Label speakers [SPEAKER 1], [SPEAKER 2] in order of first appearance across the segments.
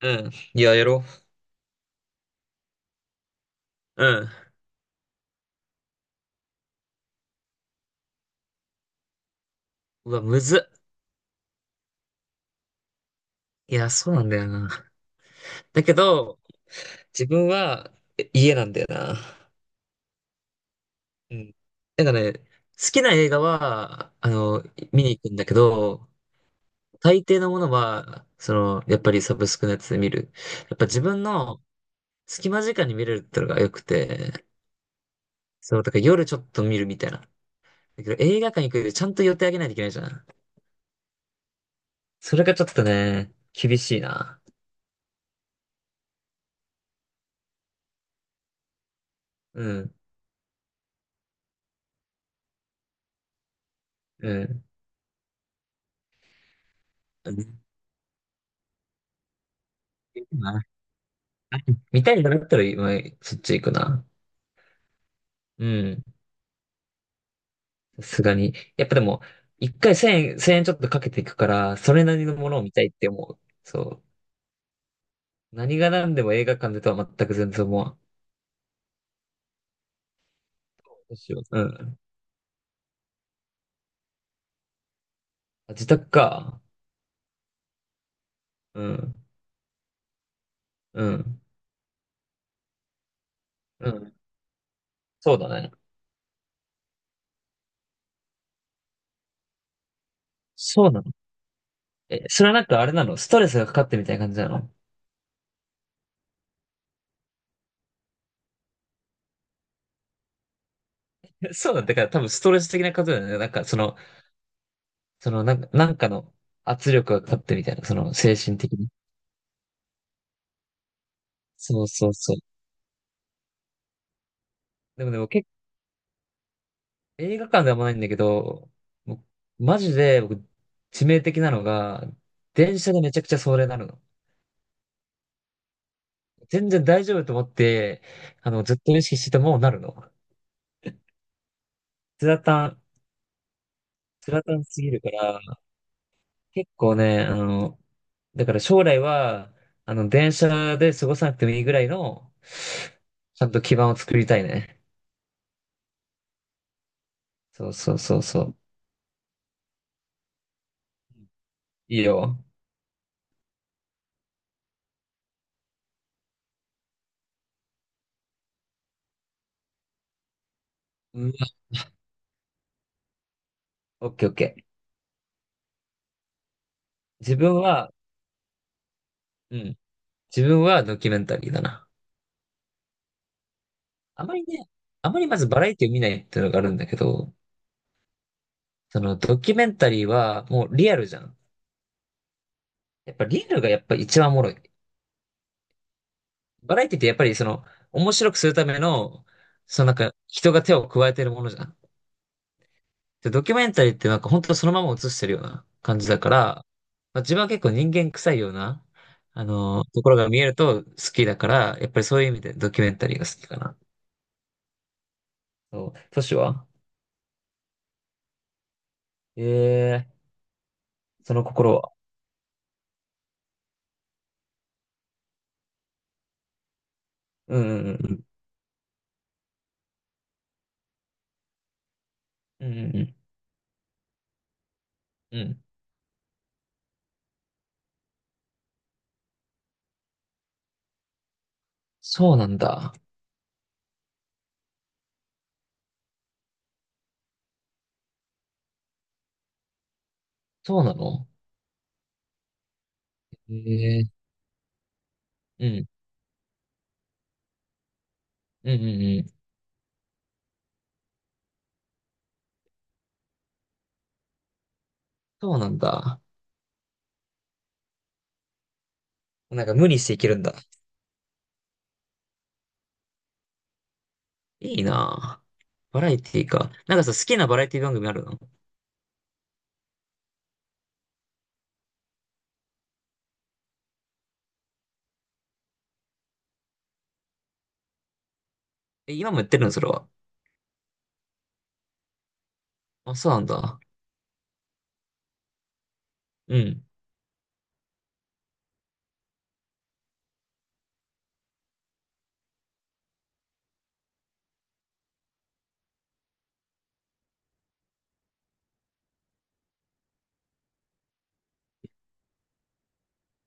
[SPEAKER 1] うん。いや、やろう。うん。うわ、むずっ。いや、そうなんだよな。だけど、自分は家なんだよな。うん。なんかね、好きな映画は、見に行くんだけど、大抵のものは、やっぱりサブスクのやつで見る。やっぱ自分の隙間時間に見れるってのが良くて、そう、だから夜ちょっと見るみたいな。だけど映画館行くよりちゃんと予定あげないといけないじゃん。それがちょっとね、厳しいな。うん、うん。うん。 見たいんだったら、まあそっち行くな。うん。さすがに。やっぱでも、一回千円、千円ちょっとかけていくから、それなりのものを見たいって思う。そう。何が何でも映画館でとは全く全然思わん。どうしよう。うん。あ、自宅か。うん。うん。うん。そうだね。そうなの。え、それはなんかあれなの？ストレスがかかってみたいな感じなの？そうなんだから、多分ストレス的なことだよね。なんかなんかの圧力がかかってみたいな。その精神的に。そうそうそう。でも映画館ではあんまないんだけど、もうマジで僕、致命的なのが、電車でめちゃくちゃそれなるの。全然大丈夫と思って、ずっと意識しててもなるの。つらたん、つらたんすぎるから、結構ね、だから将来は、電車で過ごさなくてもいいぐらいの、ちゃんと基盤を作りたいね。そうそうそうそう。いいよ。うん、オッケーオッケー。自分は、うん、自分はドキュメンタリーだな。あまりね、あまりまずバラエティを見ないっていうのがあるんだけど、そのドキュメンタリーはもうリアルじゃん。やっぱリアルがやっぱ一番おもろい。バラエティってやっぱりその面白くするための、そのなんか人が手を加えてるものじゃん。で、ドキュメンタリーってなんか本当そのまま映してるような感じだから、まあ、自分は結構人間臭いような、あのところが見えると好きだから、やっぱりそういう意味でドキュメンタリーが好きかな。そう、都市は。ええー、その心は？うんうんうん。うんうんうん。うん。そうなんだ。そうなの？ええ、うん。うんうんうん。そうなんだ。なんか無理していけるんだ。いいなぁ。バラエティか。なんかさ、好きなバラエティ番組あるの？え、今もやってるのそれは？あ、そうなんだ。うん。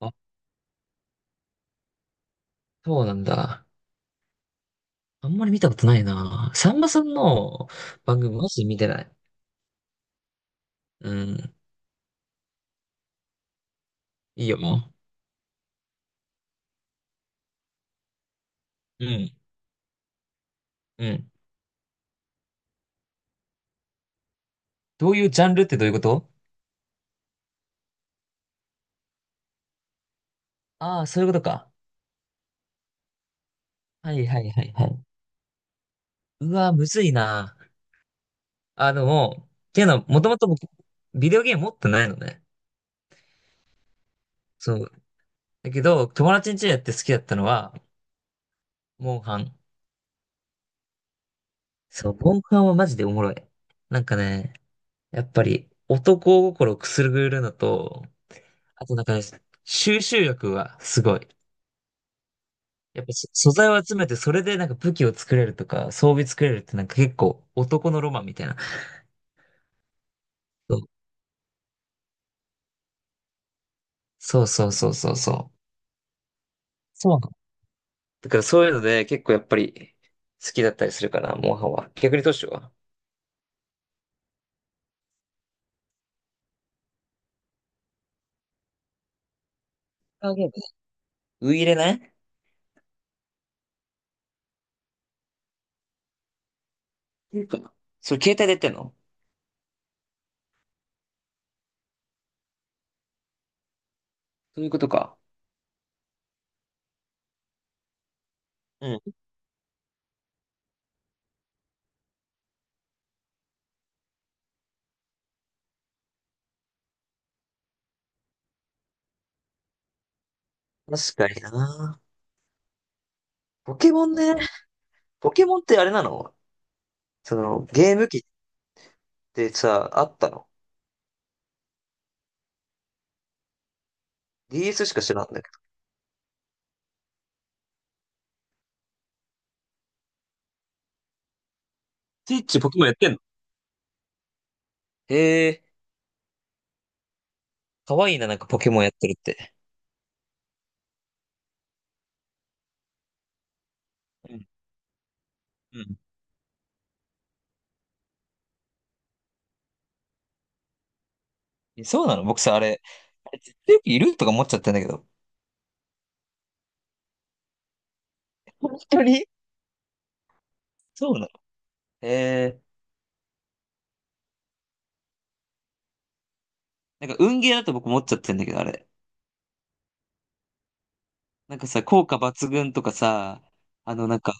[SPEAKER 1] あ、そうなんだ。あんまり見たことないなぁ。さんまさんの番組マジで見てない。うん。いいよ、もう。うん。うん。どういうジャンルってどういうこと？ああー、そういうことか。はいはいはいはい。うわ、むずいなぁ。もう、っていうのは、もともと僕、ビデオゲーム持ってないのね。そう。だけど、友達ん家でやって好きだったのは、モンハン。そう、モンハンはマジでおもろい。なんかね、やっぱり、男心をくすぐるのと、あとなんかね、収集力はすごい。やっぱ素材を集めて、それでなんか武器を作れるとか、装備作れるってなんか結構男のロマンみたいな。そうそうそうそうそうそう。そうなの？だからそういうので結構やっぱり好きだったりするかな、モンハンは。逆にどうしよう。カーゲーム。ウイイレね。いいか。それ携帯でやってんの？そういうことか。うん。確かにな。ポケモンね。ポケモンってあれなの？ゲーム機ってさ、あったの ?DS しか知らんだけど。スイッチポケモンやってんの？へえ、かわいいな、なんかポケモンやってるって。うん。うん。そうなの？僕さ、あれ絶対いるとか思っちゃってんだけど。本当に？そうなの？へえ、なんか運ゲーだと僕思っちゃってんだけど、あれ。なんかさ、効果抜群とかさ、なんか、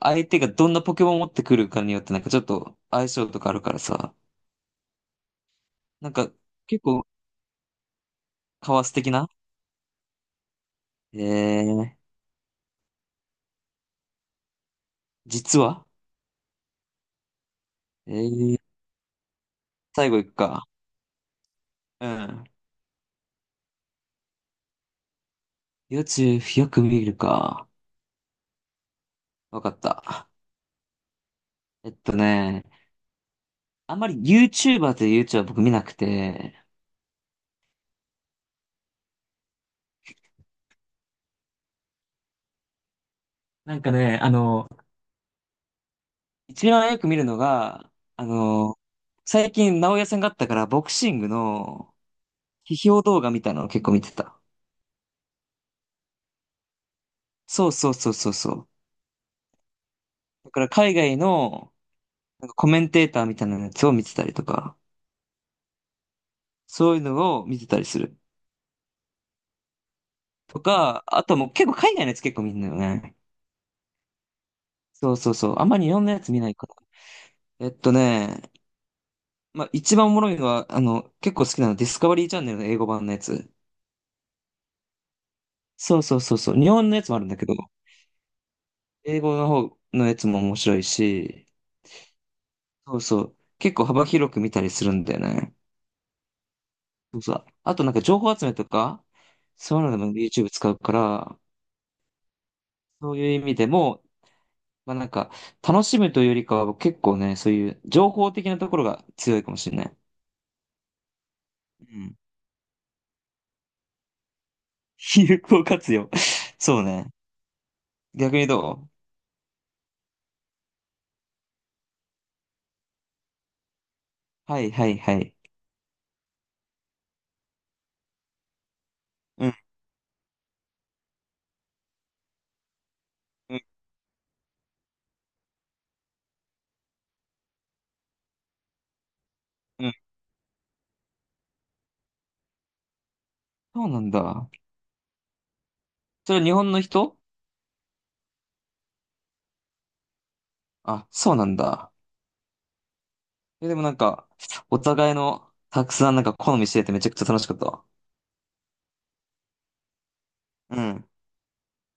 [SPEAKER 1] 相手がどんなポケモンを持ってくるかによってなんかちょっと相性とかあるからさ、なんか結構カワス的な。えー、実は。えー、最後いくか。うん。YouTube よく見るか。わかった。えっとね、あんまり YouTuber という YouTuber は僕見なくて、なんかね、一番よく見るのが、あの、最近直哉さんがあったからボクシングの批評動画みたいなのを結構見てた。そうそうそうそうそう。だから海外の、なんかコメンテーターみたいなやつを見てたりとか、そういうのを見てたりする。とか、あともう結構海外のやつ結構見るんよね。そうそうそう。あんまり日本のやつ見ないから。まあ一番おもろいのは、結構好きなのディスカバリーチャンネルの英語版のやつ。そうそうそうそう。日本のやつもあるんだけど、英語の方のやつも面白いし、そうそう。結構幅広く見たりするんだよね。そうそう。あとなんか情報集めとか、そういうのでも YouTube 使うから、そういう意味でも、まあなんか、楽しむというよりかは結構ね、そういう情報的なところが強いかもしれない。うん。有効活用。そうね。逆にどう？はいはいはい。うんうんうん。そうなんだ。それは日本の人？あ、そうなんだ。え、でもなんか、お互いのたくさんなんか好みしててめちゃくちゃ楽しかったわ。うん。